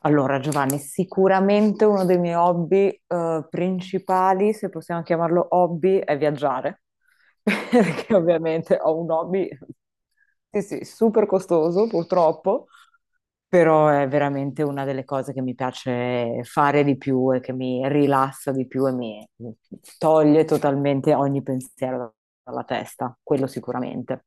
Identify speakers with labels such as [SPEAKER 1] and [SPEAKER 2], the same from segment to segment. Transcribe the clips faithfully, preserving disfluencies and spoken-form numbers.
[SPEAKER 1] Allora, Giovanni, sicuramente uno dei miei hobby, eh, principali, se possiamo chiamarlo hobby, è viaggiare, perché ovviamente ho un hobby, sì, sì, super costoso purtroppo, però è veramente una delle cose che mi piace fare di più e che mi rilassa di più e mi mi toglie totalmente ogni pensiero dalla testa, quello sicuramente.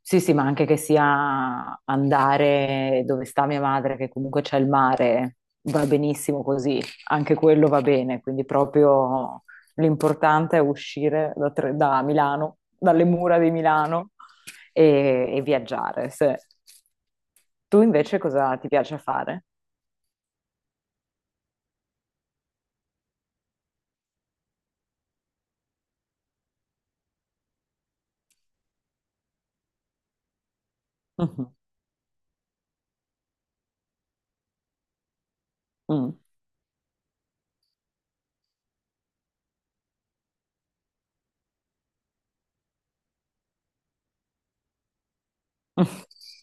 [SPEAKER 1] Sì, sì, ma anche che sia andare dove sta mia madre, che comunque c'è il mare, va benissimo così, anche quello va bene, quindi proprio l'importante è uscire da, Tre- da Milano, dalle mura di Milano e, e viaggiare. Se- Tu invece cosa ti piace fare? Mhm. Mm.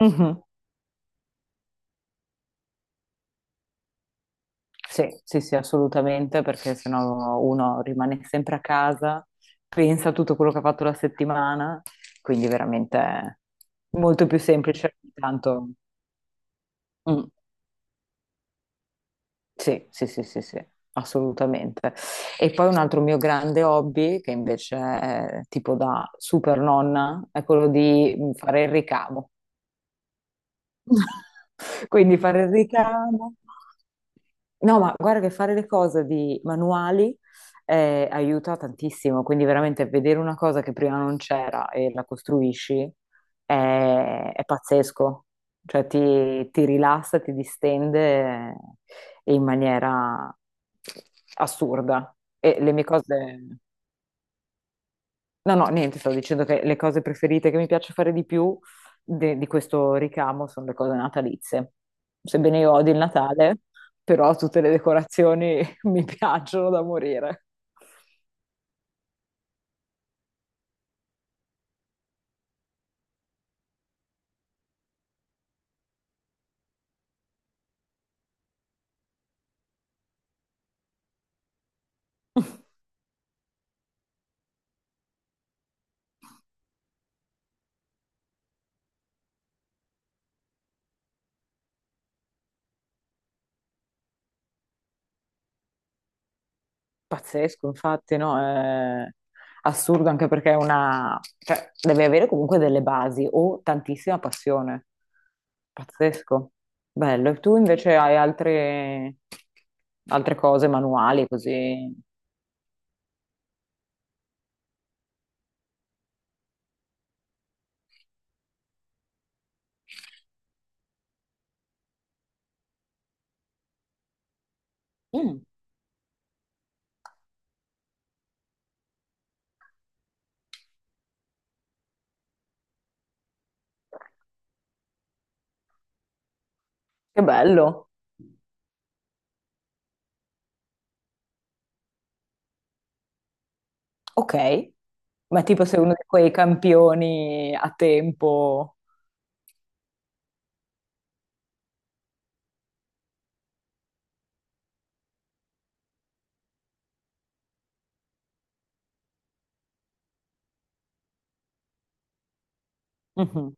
[SPEAKER 1] Mhm. Sì, sì, sì, assolutamente, perché sennò uno rimane sempre a casa, pensa a tutto quello che ha fatto la settimana, quindi veramente è molto più semplice intanto. Mm, sì, sì, sì, sì, sì, assolutamente. E poi un altro mio grande hobby, che invece è tipo da super nonna, è quello di fare il ricamo. Quindi fare il ricamo. No, ma guarda che fare le cose di manuali eh, aiuta tantissimo, quindi veramente vedere una cosa che prima non c'era e la costruisci è, è pazzesco, cioè ti, ti rilassa, ti distende eh, in maniera assurda. E le mie cose... No, no, niente, stavo dicendo che le cose preferite che mi piace fare di più de- di questo ricamo sono le cose natalizie. Sebbene io odi il Natale, però tutte le decorazioni mi piacciono da morire. Pazzesco, infatti, no? È assurdo anche perché è una... cioè, deve avere comunque delle basi o tantissima passione. Pazzesco. Bello. E tu invece hai altre, altre cose manuali così? Mm. Che bello. Ok. Ma tipo sei uno di quei campioni a tempo. Mhm,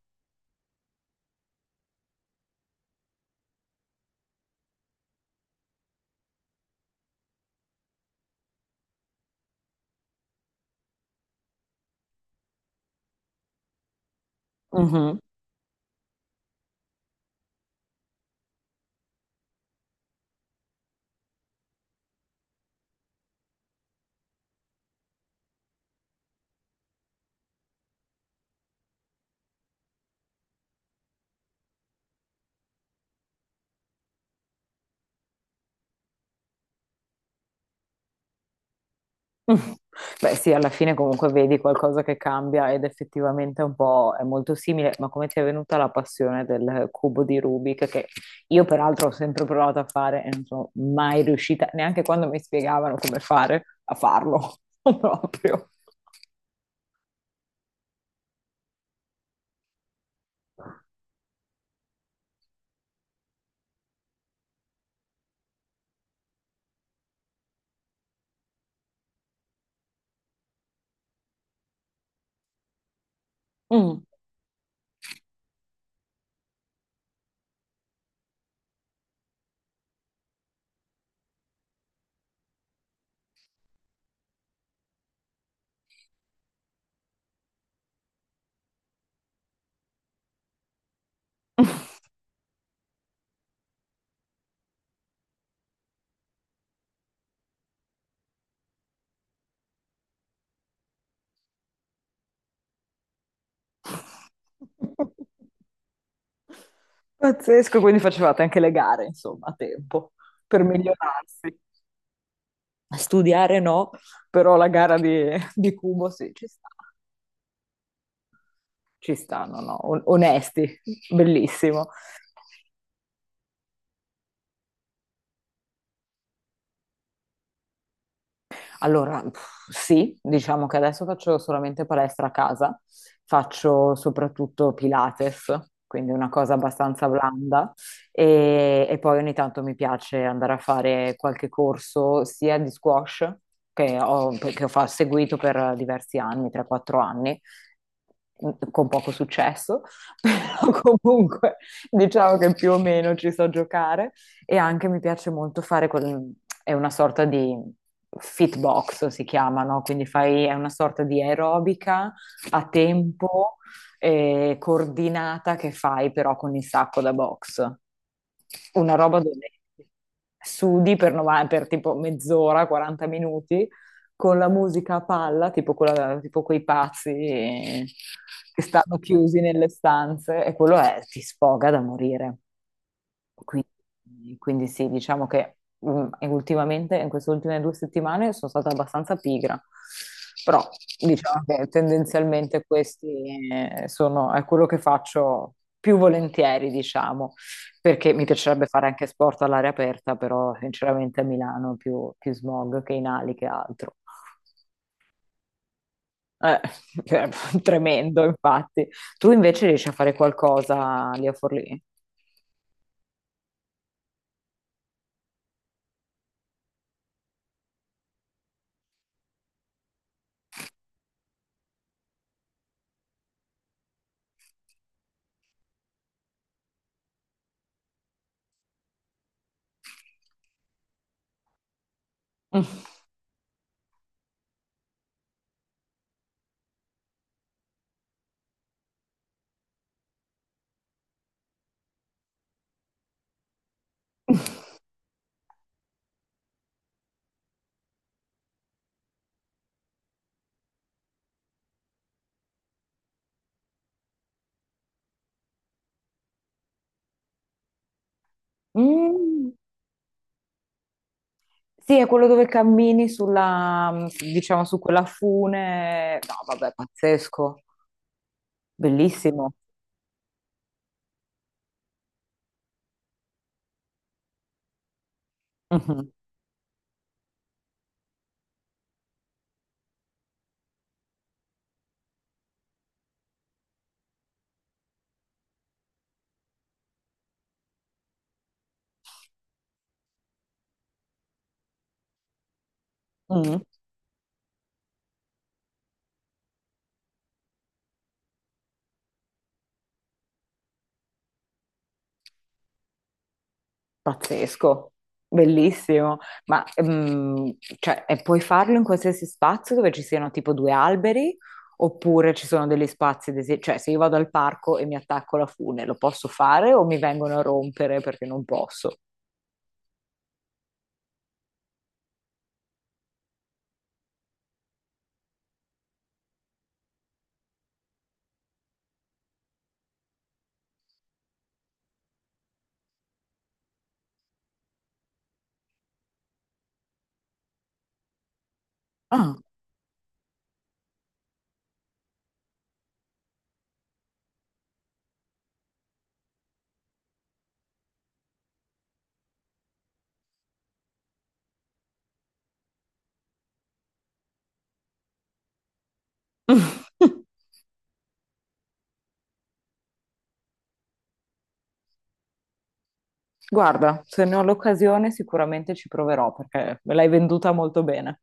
[SPEAKER 1] mhm. Beh, sì, alla fine comunque vedi qualcosa che cambia ed effettivamente è un po' è molto simile, ma come ti è venuta la passione del cubo di Rubik che io peraltro ho sempre provato a fare e non sono mai riuscita, neanche quando mi spiegavano come fare, a farlo proprio. Mm. Pazzesco, quindi facevate anche le gare, insomma, a tempo, per migliorarsi. Studiare no, però la gara di, di cubo sì, ci sta, ci stanno, no? No, on- onesti, bellissimo. Allora, pff, sì, diciamo che adesso faccio solamente palestra a casa, faccio soprattutto Pilates, quindi una cosa abbastanza blanda e, e poi ogni tanto mi piace andare a fare qualche corso sia di squash che ho, che ho fa- seguito per diversi anni, tre quattro anni, con poco successo, però comunque diciamo che più o meno ci so giocare e anche mi piace molto fare quel, è una sorta di fitbox si chiama, no? Quindi fai, è una sorta di aerobica a tempo eh, coordinata che fai però con il sacco da box. Una roba dove sudi per, nova- per tipo mezz'ora, quaranta minuti, con la musica a palla, tipo, quella- tipo quei pazzi eh, che stanno chiusi nelle stanze, e quello è, ti sfoga da morire. Quindi, quindi sì, diciamo che mm, e ultimamente, in queste ultime due settimane, sono stata abbastanza pigra, però diciamo che tendenzialmente questi eh, sono, è quello che faccio più volentieri, diciamo, perché mi piacerebbe fare anche sport all'aria aperta, però sinceramente a Milano è più, più smog che in ali che altro. Eh, cioè, tremendo, infatti. Tu invece riesci a fare qualcosa lì a Forlì? Mm. Sì, è quello dove cammini sulla, diciamo, su quella fune. No, vabbè, pazzesco. Bellissimo. Mhm. Mhm. Pazzesco. Bellissimo. Ma ehm, cioè, e puoi farlo in qualsiasi spazio dove ci siano tipo due alberi, oppure ci sono degli spazi, desi- cioè se io vado al parco e mi attacco alla fune, lo posso fare o mi vengono a rompere perché non posso? Ah. Guarda, se ne ho l'occasione sicuramente ci proverò perché me l'hai venduta molto bene.